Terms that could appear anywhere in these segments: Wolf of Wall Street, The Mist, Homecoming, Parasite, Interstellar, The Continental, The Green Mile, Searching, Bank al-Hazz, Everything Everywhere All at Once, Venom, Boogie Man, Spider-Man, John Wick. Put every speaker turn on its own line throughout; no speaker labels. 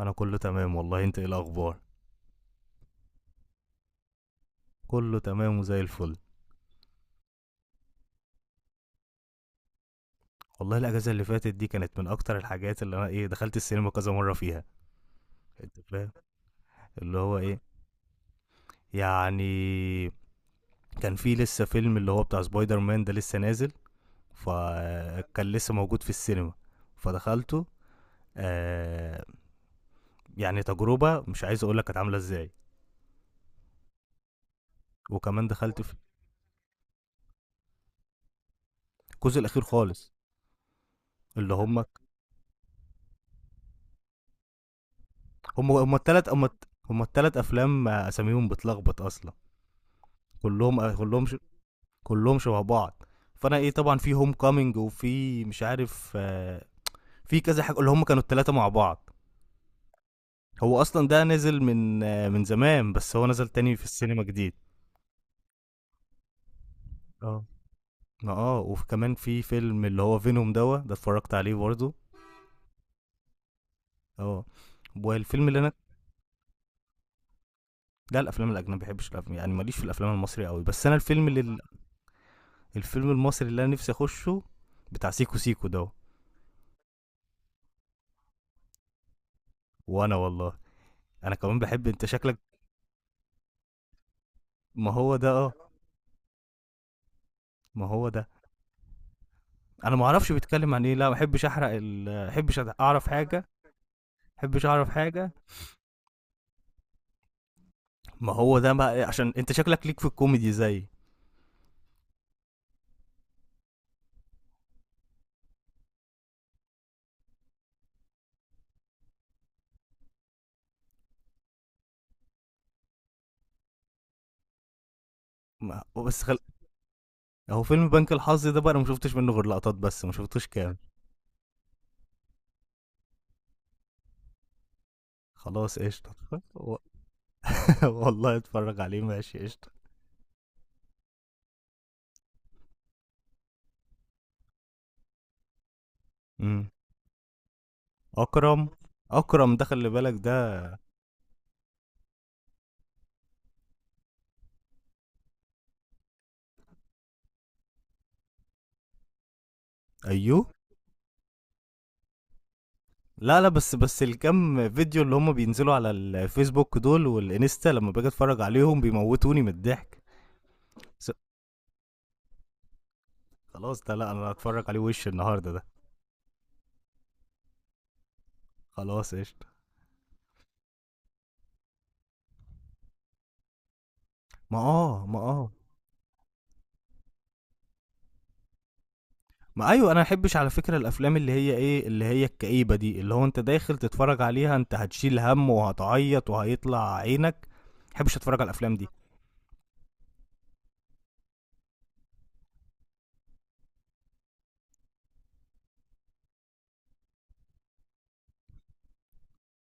انا كله تمام والله. انت ايه الاخبار؟ كله تمام وزي الفل. والله الاجازه اللي فاتت دي كانت من اكتر الحاجات اللي انا دخلت السينما كذا مره فيها. انت فاهم؟ اللي هو ايه، يعني كان في لسه فيلم اللي هو بتاع سبايدر مان ده لسه نازل، فكان لسه موجود في السينما فدخلته. آه يعني تجربه مش عايز اقول لك كانت عامله ازاي. وكمان دخلت في الجزء الاخير خالص. اللي هم، هم التلات هم، هم التلات افلام. اساميهم بتلخبط اصلا. كلهم، كلهم شبه بعض. فانا طبعا في هوم كامينج وفي مش عارف، في كذا حاجه اللي هم كانوا الثلاثه مع بعض. هو اصلا ده نزل من من زمان، بس هو نزل تاني في السينما جديد. اه. اه، وكمان في فيلم اللي هو فينوم دوا ده اتفرجت عليه برضه. اه، والفيلم اللي انا، لا الافلام الاجنبيه. ما بحبش الافلام يعني، ماليش في الافلام المصري قوي، بس انا الفيلم اللي، الفيلم المصري اللي انا نفسي اخشه بتاع سيكو سيكو ده. وانا والله انا كمان بحب. انت شكلك، ما هو ده اه، ما هو ده. انا ما اعرفش بيتكلم عن ايه. لا ما احبش احرق ما احبش اعرف حاجه. ما احبش اعرف حاجه. ما هو ده بقى عشان انت شكلك ليك في الكوميدي زي. ما هو فيلم بنك الحظ ده بقى انا ما شفتش منه غير لقطات بس، ما شفتوش كامل. خلاص قشطه و- والله اتفرج عليه ماشي قشطه. امم. اكرم، اكرم ده خلي بالك ده. ايوه. لا لا، بس الكم فيديو اللي هم بينزلوا على الفيسبوك دول والانستا لما باجي اتفرج عليهم بيموتوني من الضحك. بس خلاص ده، لا انا هتفرج عليه وش النهارده ده. خلاص قشطة. ما اه، ما اه. ما ايوه، انا ما احبش على فكرة الافلام اللي هي ايه، اللي هي الكئيبة دي اللي هو انت داخل تتفرج عليها انت هتشيل هم وهتعيط وهيطلع عينك. ما احبش اتفرج على الافلام دي.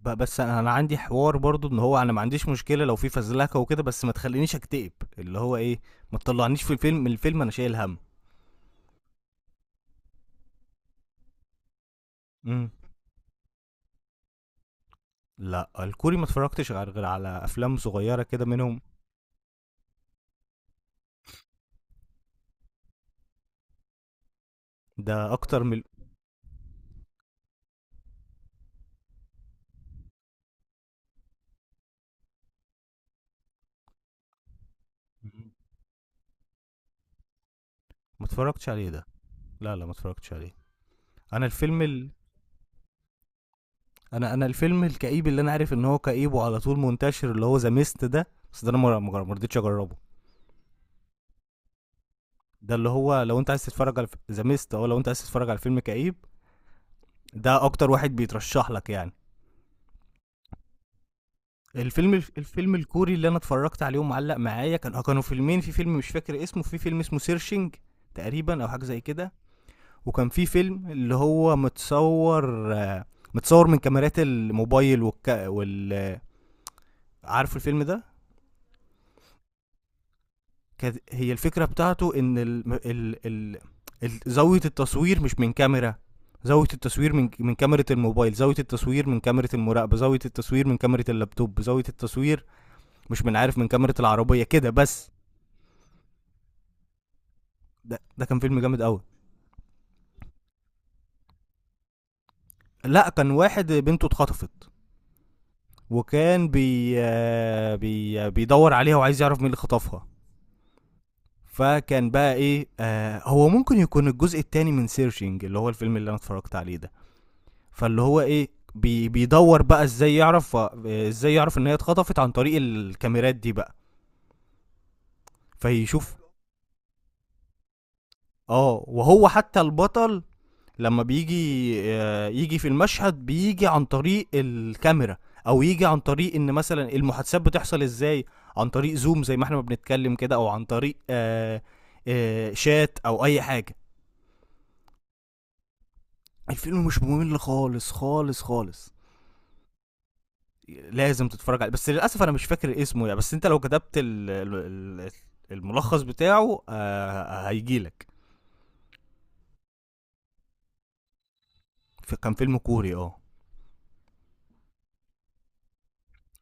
بس انا عندي حوار برضو ان هو انا ما عنديش مشكلة لو في فزلكة وكده، بس ما تخلينيش اكتئب. اللي هو ايه، ما تطلعنيش في الفيلم، من الفيلم انا شايل هم. امم. لا الكوري ما اتفرجتش غير على افلام صغيرة كده منهم. ده اكتر من. ما اتفرجتش عليه ده. لا لا ما اتفرجتش عليه. انا انا الفيلم الكئيب اللي انا عارف ان هو كئيب وعلى طول منتشر اللي هو ذا ميست ده، بس ده انا ما رضيتش اجربه. ده اللي هو لو انت عايز تتفرج على ذا ميست، او لو انت عايز تتفرج على فيلم كئيب ده اكتر واحد بيترشح لك يعني. الفيلم الكوري اللي انا اتفرجت عليه ومعلق معايا كان، كانوا فيلمين. في فيلم مش فاكر اسمه، في فيلم اسمه سيرشنج تقريبا او حاجه زي كده، وكان في فيلم اللي هو متصور متصور من كاميرات الموبايل وال عارفه الفيلم ده؟ كانت هي الفكره بتاعته ان زاويه التصوير مش من كاميرا. زاويه التصوير من كاميرا الموبايل، زاويه التصوير من كاميرا المراقبه، زاويه التصوير من كاميرا اللابتوب، زاويه التصوير مش من عارف من كاميرا العربيه كده بس. ده كان فيلم جامد قوي. لا كان واحد بنته اتخطفت، وكان بيدور عليها وعايز يعرف مين اللي خطفها. فكان بقى ايه، آه هو ممكن يكون الجزء التاني من سيرشنج اللي هو الفيلم اللي انا اتفرجت عليه ده. فاللي هو ايه، بيدور بقى ازاي يعرف، ازاي يعرف ان هي اتخطفت عن طريق الكاميرات دي بقى. فيشوف. اه، وهو حتى البطل لما بيجي، يجي في المشهد بيجي عن طريق الكاميرا، او يجي عن طريق ان مثلا المحادثات بتحصل ازاي عن طريق زوم زي ما احنا ما بنتكلم كده، او عن طريق شات او اي حاجه. الفيلم مش ممل خالص خالص خالص. لازم تتفرج عليه، بس للاسف انا مش فاكر اسمه يعني، بس انت لو كتبت ال- الملخص بتاعه هيجيلك. كان فيلم كوري اه.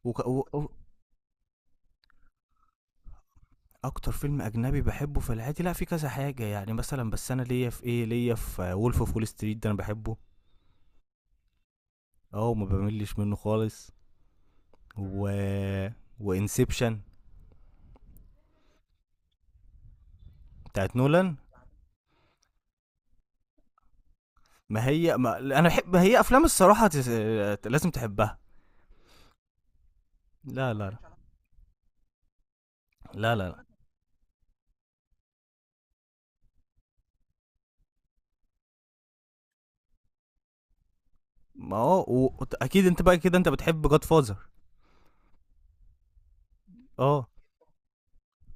وك- و- و- اكتر فيلم اجنبي بحبه في العادي، لا في كذا حاجه يعني مثلا، بس انا ليا في ايه، ليا في وولف اوف وول ستريت ده انا بحبه. اه وما بملش منه خالص. و وانسبشن بتاعت نولان. ما هي، ما انا بحب، ما هي افلام الصراحه لازم تحبها. لا لا لا. لا لا. ما اه اكيد انت بقى كده انت بتحب جاد فازر. اه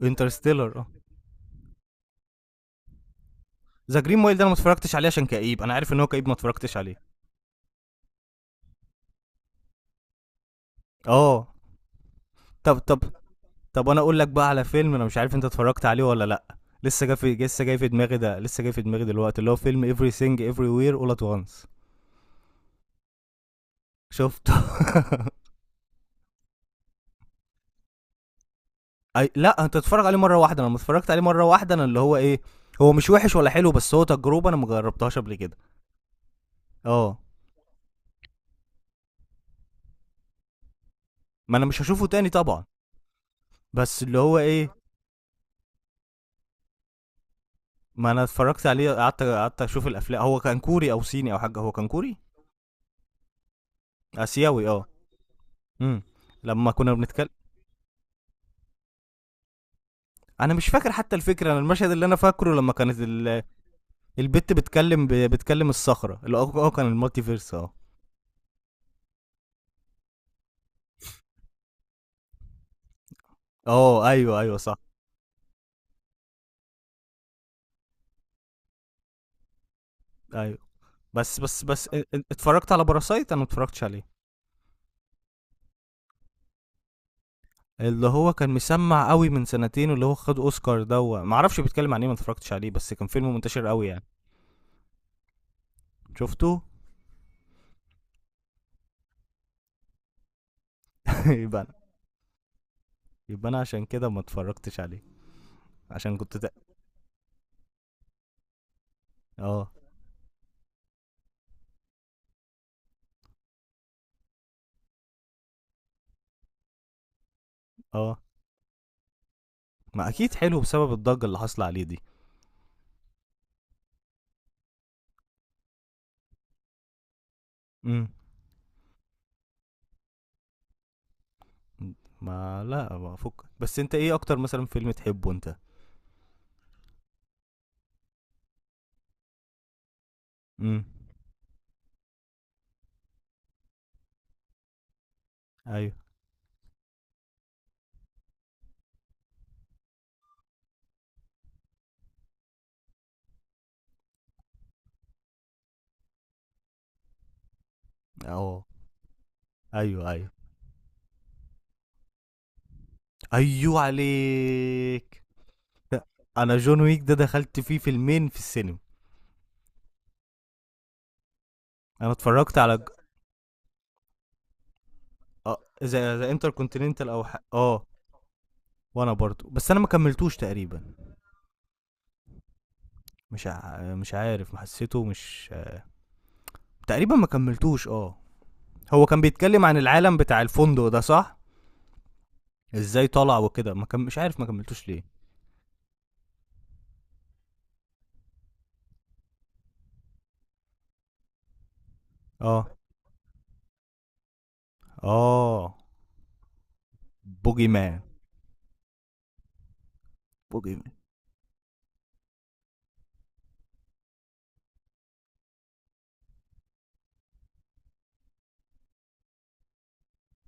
انترستيلر اه. ذا جرين مايل ده انا ما اتفرجتش عليه عشان كئيب، انا عارف ان هو كئيب ما اتفرجتش عليه. اه. طب طب طب انا اقول لك بقى على فيلم انا مش عارف انت اتفرجت عليه ولا لا. لسه جاي في، لسه جاي في دماغي ده، لسه جاي في دماغي دلوقتي اللي هو فيلم everything everywhere all at once. شفته. لا انت اتفرج عليه مره واحده. انا لما اتفرجت عليه مره واحده انا اللي هو ايه، هو مش وحش ولا حلو، بس هو تجربه انا ما جربتهاش قبل كده. اه. ما انا مش هشوفه تاني طبعا، بس اللي هو ايه. ما انا اتفرجت عليه، قعدت اشوف الافلام. هو كان كوري او صيني او حاجه، هو كان كوري. اسيوي اه. امم. لما كنا بنتكلم، انا مش فاكر حتى الفكره. انا المشهد اللي انا فاكره لما كانت البت بتكلم، بتكلم الصخره. اللي هو كان المالتي فيرس اه. اه ايوه ايوه صح. ايوه. بس بس بس اتفرجت على باراسايت. انا ما اتفرجتش عليه. اللي هو كان مسمع قوي من سنتين واللي هو خد اوسكار ده ما اعرفش بيتكلم عن ايه، ما اتفرجتش عليه، بس كان فيلم منتشر قوي يعني. شفته. يبقى انا، يبقى انا عشان كده ما اتفرجتش عليه، عشان كنت اه اه. ما اكيد حلو بسبب الضجة اللي حاصلة عليه دي. امم. ما لا، ما فك بس انت ايه اكتر مثلا فيلم تحبه انت؟ امم. ايوه. اه ايوه ايوه. ايوه عليك. لا، انا جون ويك ده دخلت فيه فيلمين في السينما. انا اتفرجت على اه، ذا انتر كونتيننتال او اه. وانا برضو، بس انا ما كملتوش تقريبا. مش عارف، ما حسيته مش، تقريبا ما كملتوش اه. هو كان بيتكلم عن العالم بتاع الفندق ده صح؟ ازاي طلع وكده، ما كم... مش عارف ما كملتوش ليه. اه. اه. بوجي مان. بوجي مان.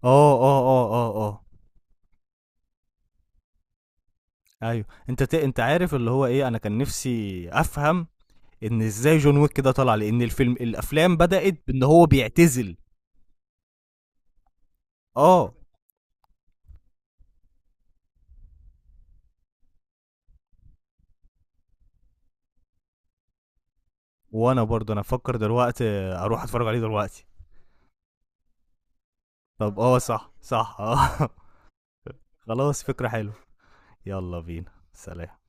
اه اه اه اه اه. ايوه انت انت عارف اللي هو ايه، انا كان نفسي افهم ان ازاي جون ويك كده طلع، لان الفيلم، الافلام بدأت بان هو بيعتزل. اه. وانا برضه انا افكر دلوقتي اروح اتفرج عليه دلوقتي. طب اه صح صح اه. خلاص فكرة حلوة. يلا بينا سلام.